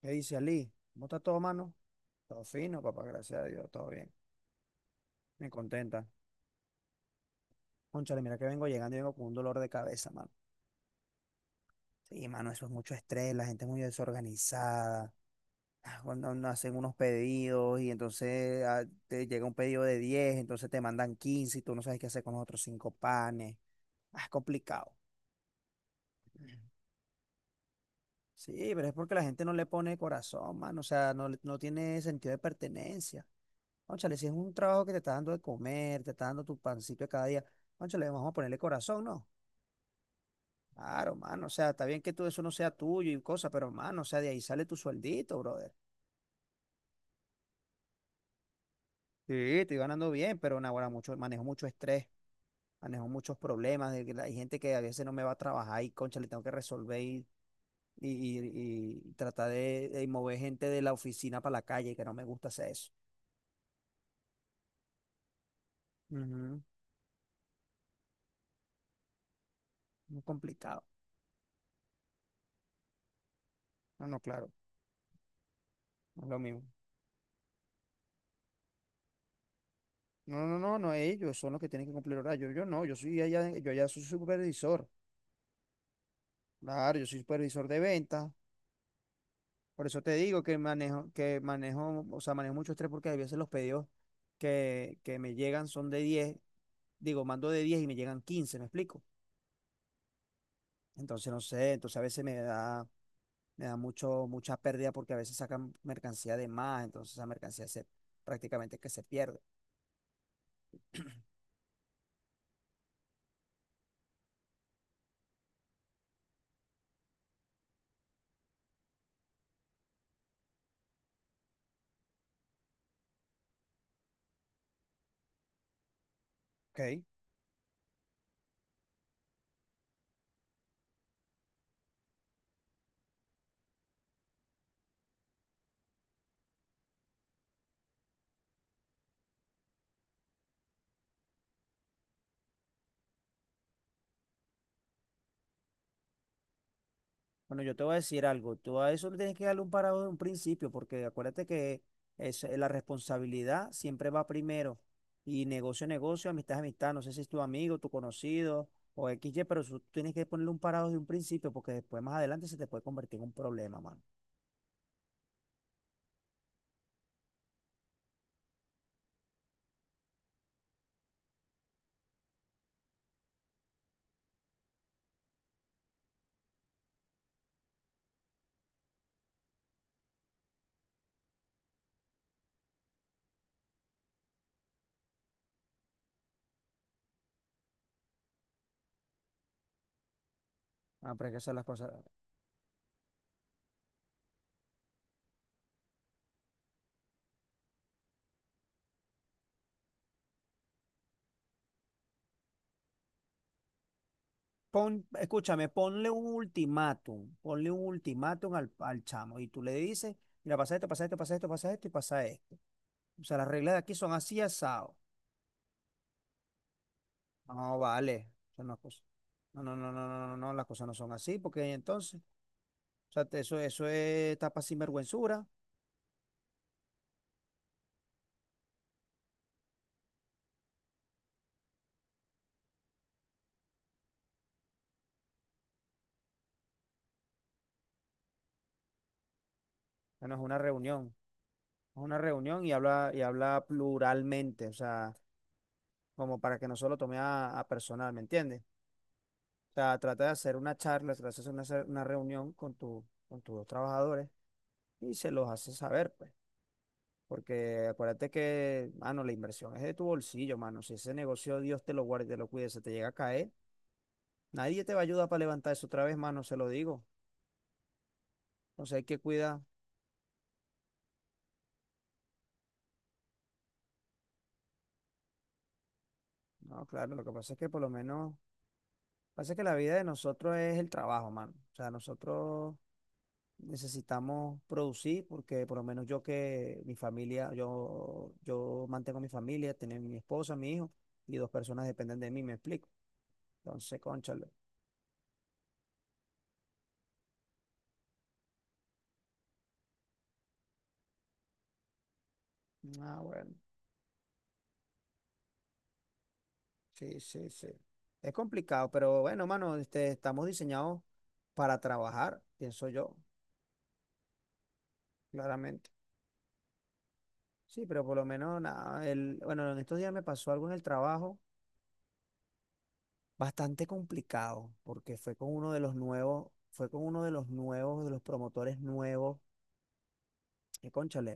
¿Qué dice Ali? ¿Cómo está todo, mano? Todo fino, papá, gracias a Dios, todo bien. Me contenta. Cónchale, mira que vengo llegando y vengo con un dolor de cabeza, mano. Sí, mano, eso es mucho estrés, la gente es muy desorganizada. Cuando no hacen unos pedidos y entonces te llega un pedido de diez, entonces te mandan 15 y tú no sabes qué hacer con los otros 5 panes. Es complicado. Sí, pero es porque la gente no le pone corazón, mano. O sea, no, no tiene sentido de pertenencia. Ónchale, si es un trabajo que te está dando de comer, te está dando tu pancito de cada día, ónchale, vamos a ponerle corazón, ¿no? Claro, mano, o sea, está bien que todo eso no sea tuyo y cosas, pero mano, o sea, de ahí sale tu sueldito, brother. Sí, estoy ganando bien, pero naguará, mucho, manejo mucho estrés, manejo muchos problemas, de que hay gente que a veces no me va a trabajar y, concha, le tengo que resolver y, y tratar de mover gente de la oficina para la calle, que no me gusta hacer eso. Ujú. Muy complicado. No, no, claro, no es lo mismo. No, no, no, no, ellos son los que tienen que cumplir horario. Yo no, yo soy allá, yo allá soy supervisor. Claro, yo soy supervisor de ventas. Por eso te digo que manejo, o sea, manejo mucho estrés, porque a veces los pedidos que me llegan son de 10. Digo, mando de 10 y me llegan 15. ¿Me explico? Entonces no sé, entonces a veces me da mucho, mucha pérdida, porque a veces sacan mercancía de más, entonces esa mercancía se prácticamente que se pierde. ¿Ok? Bueno, yo te voy a decir algo. Tú a eso le tienes que darle un parado de un principio, porque acuérdate que es, la responsabilidad siempre va primero. Y negocio, negocio, amistad, amistad. No sé si es tu amigo, tu conocido o XY, pero eso tú tienes que ponerle un parado de un principio, porque después, más adelante, se te puede convertir en un problema, mano. Ah, pero hay que hacer las cosas. Pon, escúchame, ponle un ultimátum. Ponle un ultimátum al chamo. Y tú le dices, mira, pasa esto, pasa esto, pasa esto, pasa esto y pasa esto. O sea, las reglas de aquí son así, asado. No, vale. Eso no, es cosa- no, no, no, no, no, no, no, las cosas no son así, porque entonces, o sea, eso, eso es tapa sinvergüenzura, ya no es una reunión, es una reunión y habla pluralmente, o sea, como para que no solo tome a personal, ¿me entiendes? O sea, trata de hacer una charla, trata de hacer una, una reunión con tu, con tus trabajadores y se los hace saber, pues. Porque acuérdate que, mano, la inversión es de tu bolsillo, mano. Si ese negocio, Dios te lo guarde y te lo cuide, se te llega a caer. Nadie te va a ayudar para levantarse otra vez, mano, se lo digo. Entonces hay que cuidar. No, claro, lo que pasa es que por lo menos, pasa que la vida de nosotros es el trabajo, mano. O sea, nosotros necesitamos producir porque por lo menos yo que mi familia, yo mantengo mi familia, tener mi esposa, mi hijo y dos personas dependen de mí, me explico. Entonces, cónchale. Ah, bueno. Sí, sí, sí. Es complicado, pero bueno, mano, estamos diseñados para trabajar, pienso yo, claramente. Sí, pero por lo menos nada, el, bueno, en estos días me pasó algo en el trabajo bastante complicado, porque fue con uno de los nuevos, fue con uno de los nuevos, de los promotores nuevos, que cónchale,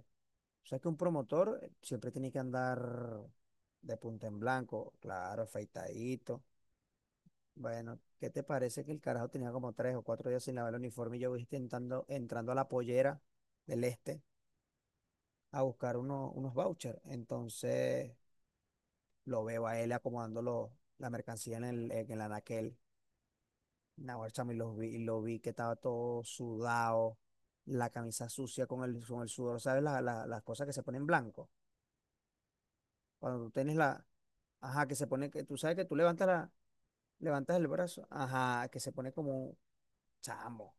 o sea que un promotor siempre tiene que andar de punta en blanco, claro, afeitadito. Bueno, ¿qué te parece que el carajo tenía como tres o cuatro días sin lavar el uniforme y yo voy intentando, entrando a la pollera del este a buscar unos vouchers? Entonces lo veo a él acomodando la mercancía en el anaquel. Naguará, chamo, y lo vi que estaba todo sudado, la camisa sucia con el sudor, ¿sabes? Las cosas que se ponen blanco. Cuando tú tienes la, ajá, que se pone, que tú sabes que tú levantas, la, levantas el brazo, ajá, que se pone como chamo,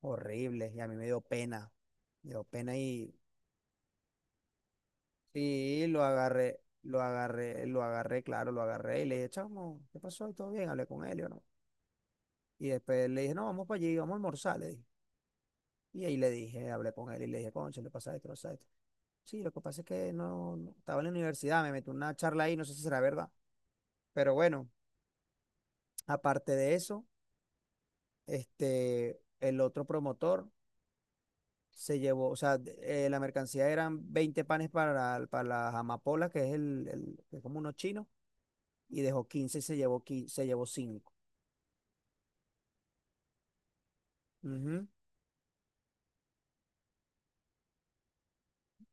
horrible. Y a mí me dio pena y lo agarré. Claro, lo agarré y le dije, chamo, ¿qué pasó? ¿Y todo bien? Hablé con él, y yo, ¿no? Y después le dije, no, vamos para allí, vamos a almorzar, le dije. Y ahí le dije, hablé con él y le dije, concha, le pasa esto, le pasa esto. Sí, lo que pasa es que estaba en la universidad, me metí una charla ahí, no sé si será verdad. Pero bueno, aparte de eso, el otro promotor se llevó, o sea, la mercancía eran 20 panes para las amapolas, que es que es como unos chinos, y dejó 15 y se llevó, 15, se llevó cinco. Ujú,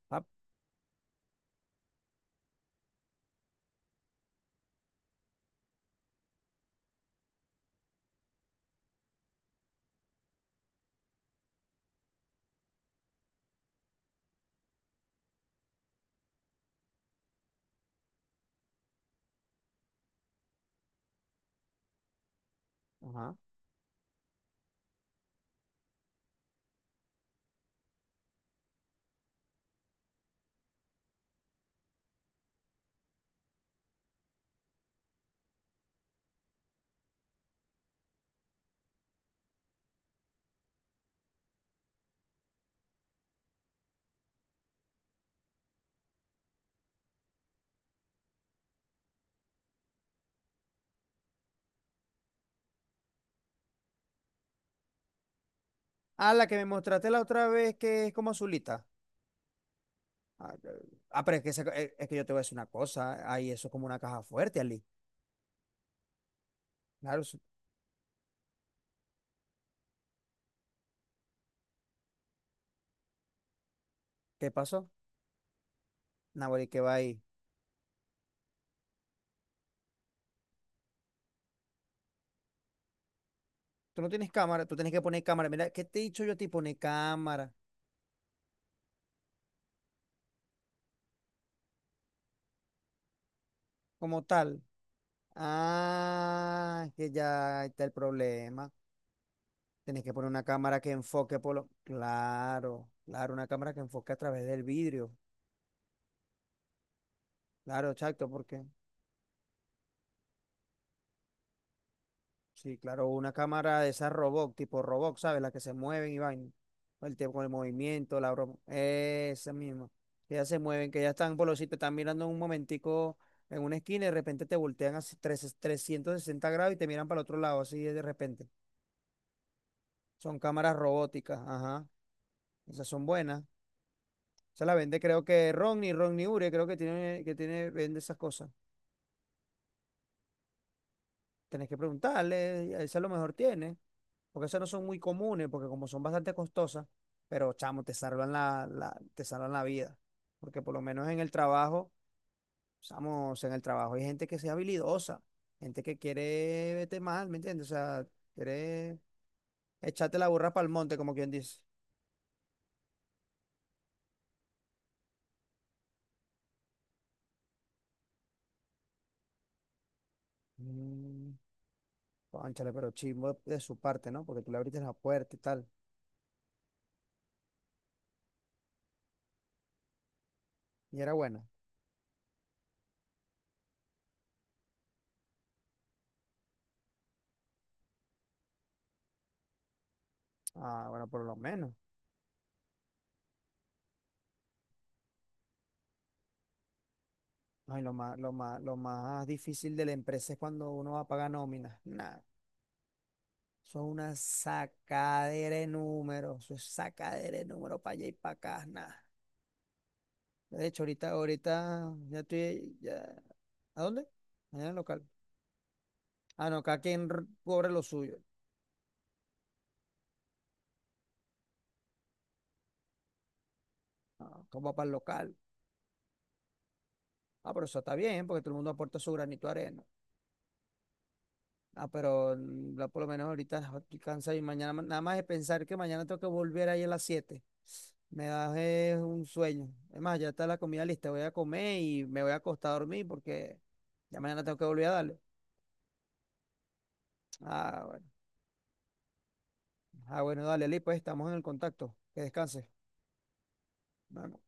pap. Ajá. Ah, la que me mostraste la otra vez, que es como azulita. Ah, ok. Pero es que, esa es que yo te voy a decir una cosa. Ahí eso es como una caja fuerte, Ali. Claro, eso- ¿Qué pasó? Nahuel, ¿qué va ahí? Tú no tienes cámara, tú tienes que poner cámara. Mira, ¿qué te he dicho yo a ti? Poner cámara como tal. Ah, es que ya ahí está el problema. Tienes que poner una cámara que enfoque por lo… Claro, claro, una cámara que enfoque a través del vidrio. Claro, exacto, porque sí, claro, una cámara de esas robot, tipo robot, ¿sabes? Las que se mueven y van el tiempo, con el movimiento, la broma. Esa misma. Que ya se mueven, que ya están por los sitios, están mirando un momentico en una esquina y de repente te voltean así 360 grados y te miran para el otro lado, así de repente. Son cámaras robóticas, ajá. Esas son buenas. Se la vende, creo que Ronnie, Ronnie Ure, creo que tiene, vende esas cosas. Tenés que preguntarle, esa a lo mejor tiene. Porque esas no son muy comunes, porque como son bastante costosas, pero chamo, te salvan la vida. Porque por lo menos en el trabajo, chamo, o sea, en el trabajo hay gente que sea habilidosa, gente que quiere vete mal, ¿me entiendes? O sea, quiere echarte la burra para el monte, como quien dice. Mm, cónchale, pero chismo de su parte, ¿no? Porque tú le abriste la puerta y tal. Y era buena. Ah, bueno, por lo menos. Ay, lo más, lo más, lo más difícil de la empresa es cuando uno va a pagar nómina. Nah, eso es una sacadera de números, eso es sacadera de números para allá y para acá, nada. De hecho, ahorita, ahorita, ya estoy, ya, ¿a dónde? Mañana al local. Ah, no, cada quien cobre lo suyo. Ah, como para el local. Ah, pero eso está bien, porque todo el mundo aporta su granito de arena. Ah, pero mm, ya por lo menos ahorita estoy cansado y mañana, nada más de pensar que mañana tengo que volver ahí a las 7. Me da un sueño. Es más, ya está la comida lista, voy a comer y me voy a acostar a dormir porque ya mañana tengo que volver a darle. Ah, bueno. Ah, bueno, dale, Lee, pues estamos en el contacto. Que descanse. Nos vemos.